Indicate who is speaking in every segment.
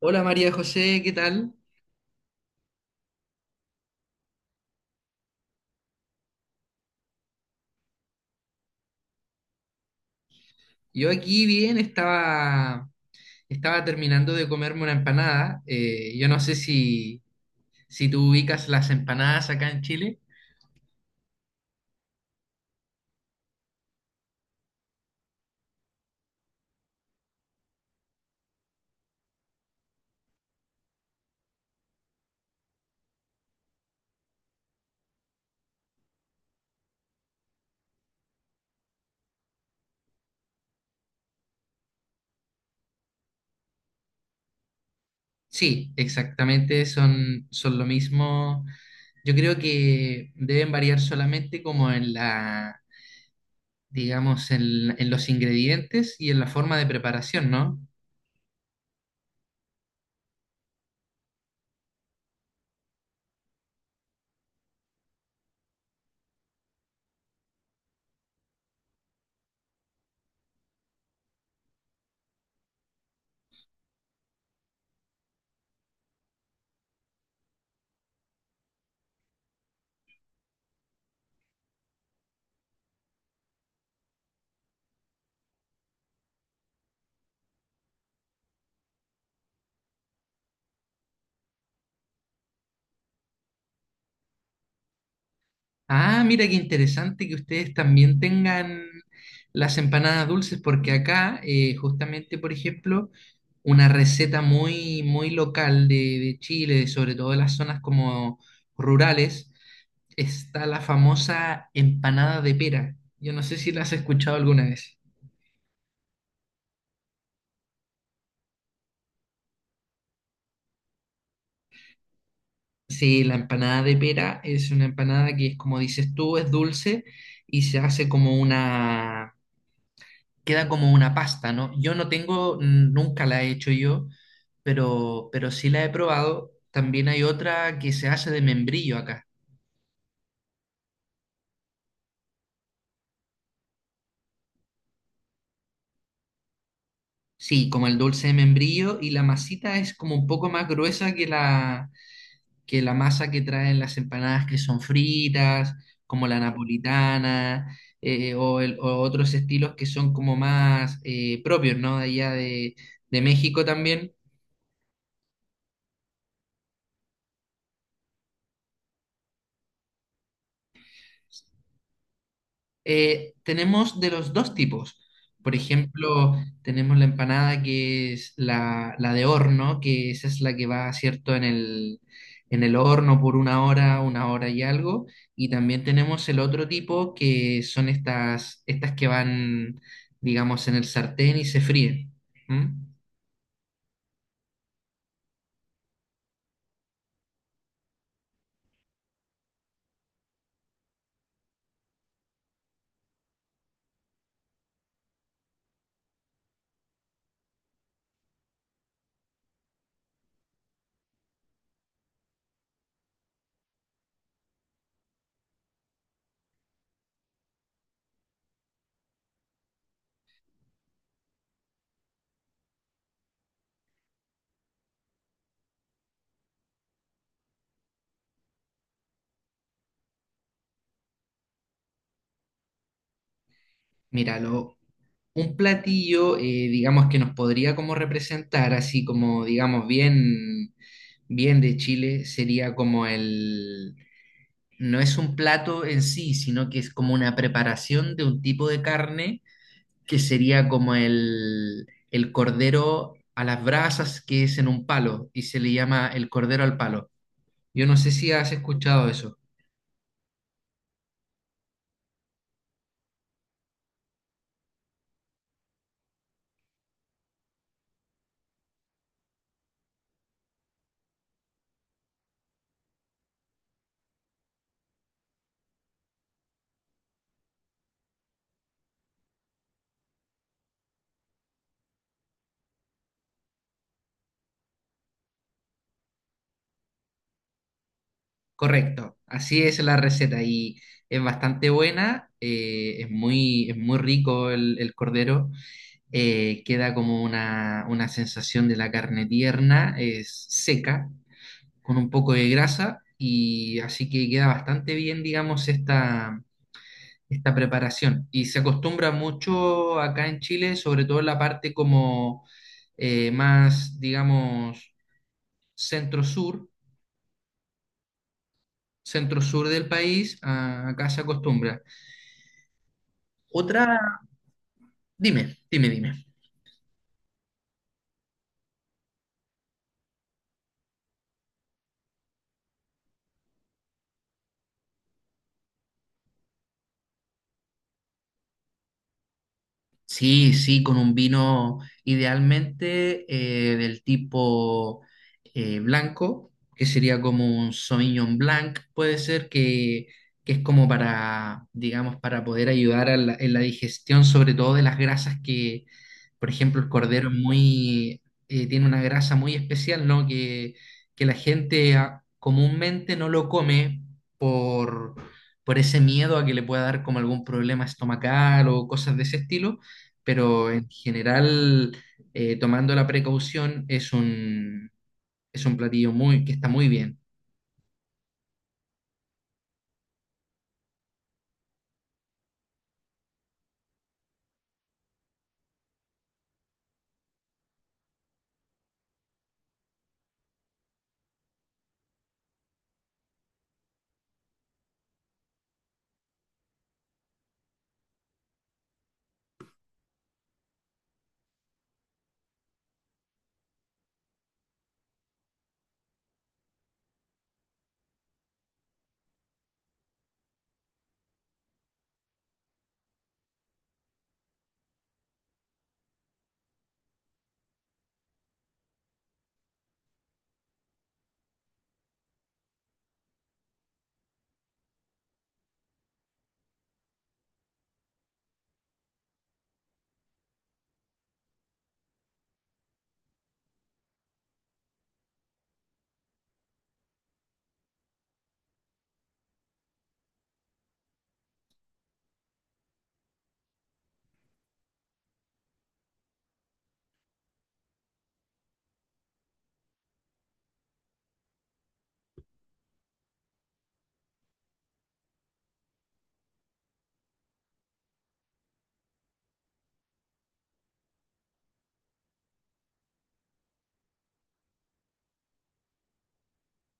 Speaker 1: Hola María José, ¿qué tal? Yo aquí bien, estaba, estaba terminando de comerme una empanada. Yo no sé si tú ubicas las empanadas acá en Chile. Sí, exactamente, son lo mismo. Yo creo que deben variar solamente como en la, digamos, en los ingredientes y en la forma de preparación, ¿no? Ah, mira qué interesante que ustedes también tengan las empanadas dulces, porque acá, justamente, por ejemplo, una receta muy, muy local de Chile, sobre todo de las zonas como rurales, está la famosa empanada de pera. Yo no sé si la has escuchado alguna vez. Sí, la empanada de pera es una empanada que es como dices tú, es dulce y se hace como una queda como una pasta, ¿no? Yo no tengo, nunca la he hecho yo, pero sí la he probado. También hay otra que se hace de membrillo acá. Sí, como el dulce de membrillo y la masita es como un poco más gruesa que que la masa que traen las empanadas que son fritas, como la napolitana o, o otros estilos que son como más propios, ¿no? De allá de México también. Tenemos de los dos tipos. Por ejemplo, tenemos la empanada que es la de horno, que esa es la que va, ¿cierto?, en en el horno por una hora y algo. Y también tenemos el otro tipo, que son estas que van, digamos, en el sartén y se fríen. ¿Mm? Mira, un platillo, digamos, que nos podría como representar, así como, digamos, bien, bien de Chile, sería como el, no es un plato en sí, sino que es como una preparación de un tipo de carne que sería como el cordero a las brasas que es en un palo y se le llama el cordero al palo. Yo no sé si has escuchado eso. Correcto, así es la receta y es bastante buena, es muy rico el cordero, queda como una sensación de la carne tierna, es seca, con un poco de grasa y así que queda bastante bien, digamos, esta preparación. Y se acostumbra mucho acá en Chile, sobre todo en la parte como más, digamos, centro-sur, centro-sur del país, ah, acá se acostumbra. Otra, dime, dime, dime. Sí, sí, con un vino idealmente del tipo blanco, que sería como un Sauvignon Blanc, puede ser que es como para, digamos, para poder ayudar a en la digestión, sobre todo de las grasas que, por ejemplo, el cordero es muy, tiene una grasa muy especial, ¿no? Que la gente ah, comúnmente no lo come por, por ese miedo a que le pueda dar como algún problema estomacal o cosas de ese estilo, pero en general, tomando la precaución, es un platillo muy, que está muy bien.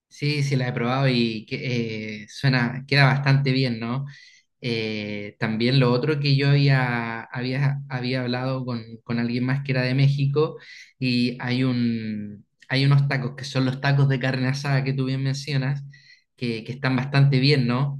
Speaker 1: Sí, sí, la he probado y que, suena, queda bastante bien, ¿no? También lo otro que yo había hablado con alguien más que era de México y hay un, hay unos tacos que son los tacos de carne asada que tú bien mencionas, que están bastante bien, ¿no?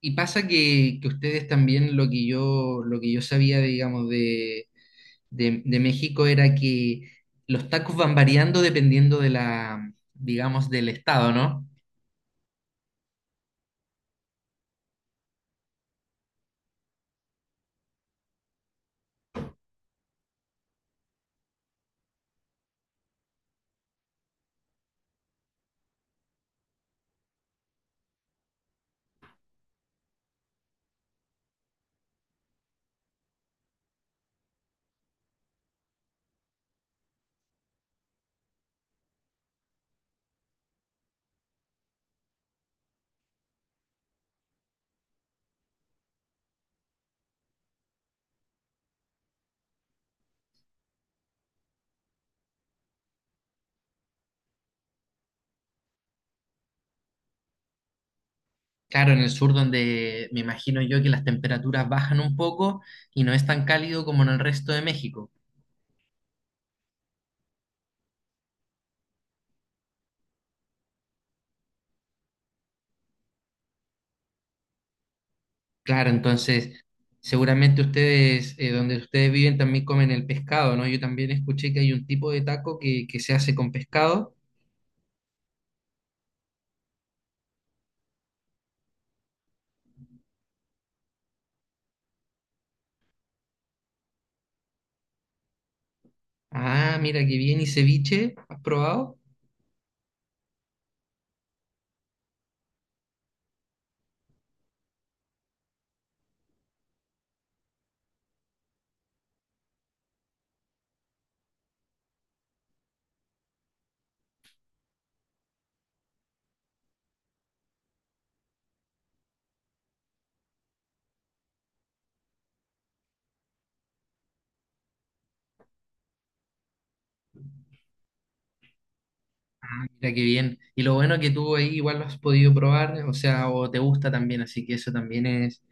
Speaker 1: Y pasa que ustedes también lo que yo sabía, digamos, de, de México era que los tacos van variando dependiendo de la, digamos, del estado, ¿no? Claro, en el sur donde me imagino yo que las temperaturas bajan un poco y no es tan cálido como en el resto de México. Claro, entonces seguramente ustedes, donde ustedes viven también comen el pescado, ¿no? Yo también escuché que hay un tipo de taco que se hace con pescado. Ah, mira qué bien, ¿y ceviche? ¿Has probado? Ah, mira qué bien. Y lo bueno que tú ahí igual lo has podido probar, o sea, o te gusta también, así que eso también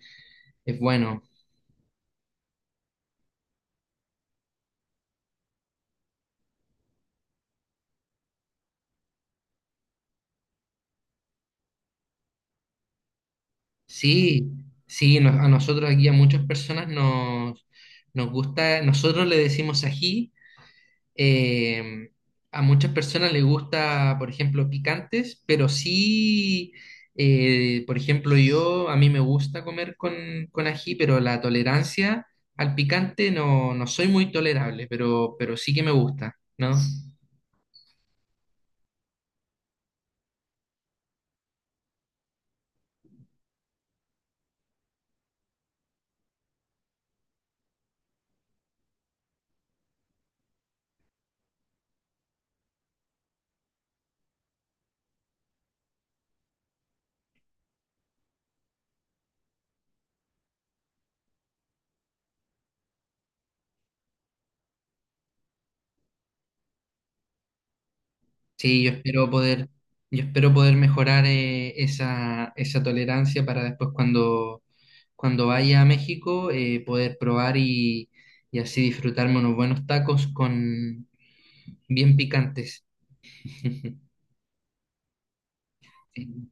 Speaker 1: es bueno. Sí, sí, no- a nosotros aquí a muchas personas nos gusta, nosotros le decimos ají. Eh, a muchas personas les gusta, por ejemplo, picantes, pero sí, por ejemplo, yo, a mí me gusta comer con ají, pero la tolerancia al picante no, no soy muy tolerable, pero sí que me gusta, ¿no? Sí, yo espero poder mejorar esa, esa tolerancia para después cuando, cuando vaya a México poder probar y así disfrutarme unos buenos tacos con bien picantes. Sí.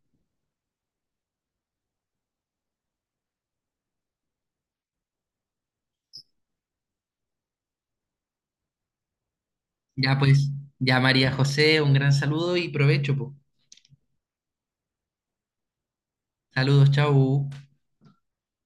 Speaker 1: Ya pues, ya María José, un gran saludo y provecho, po. Saludos, chau.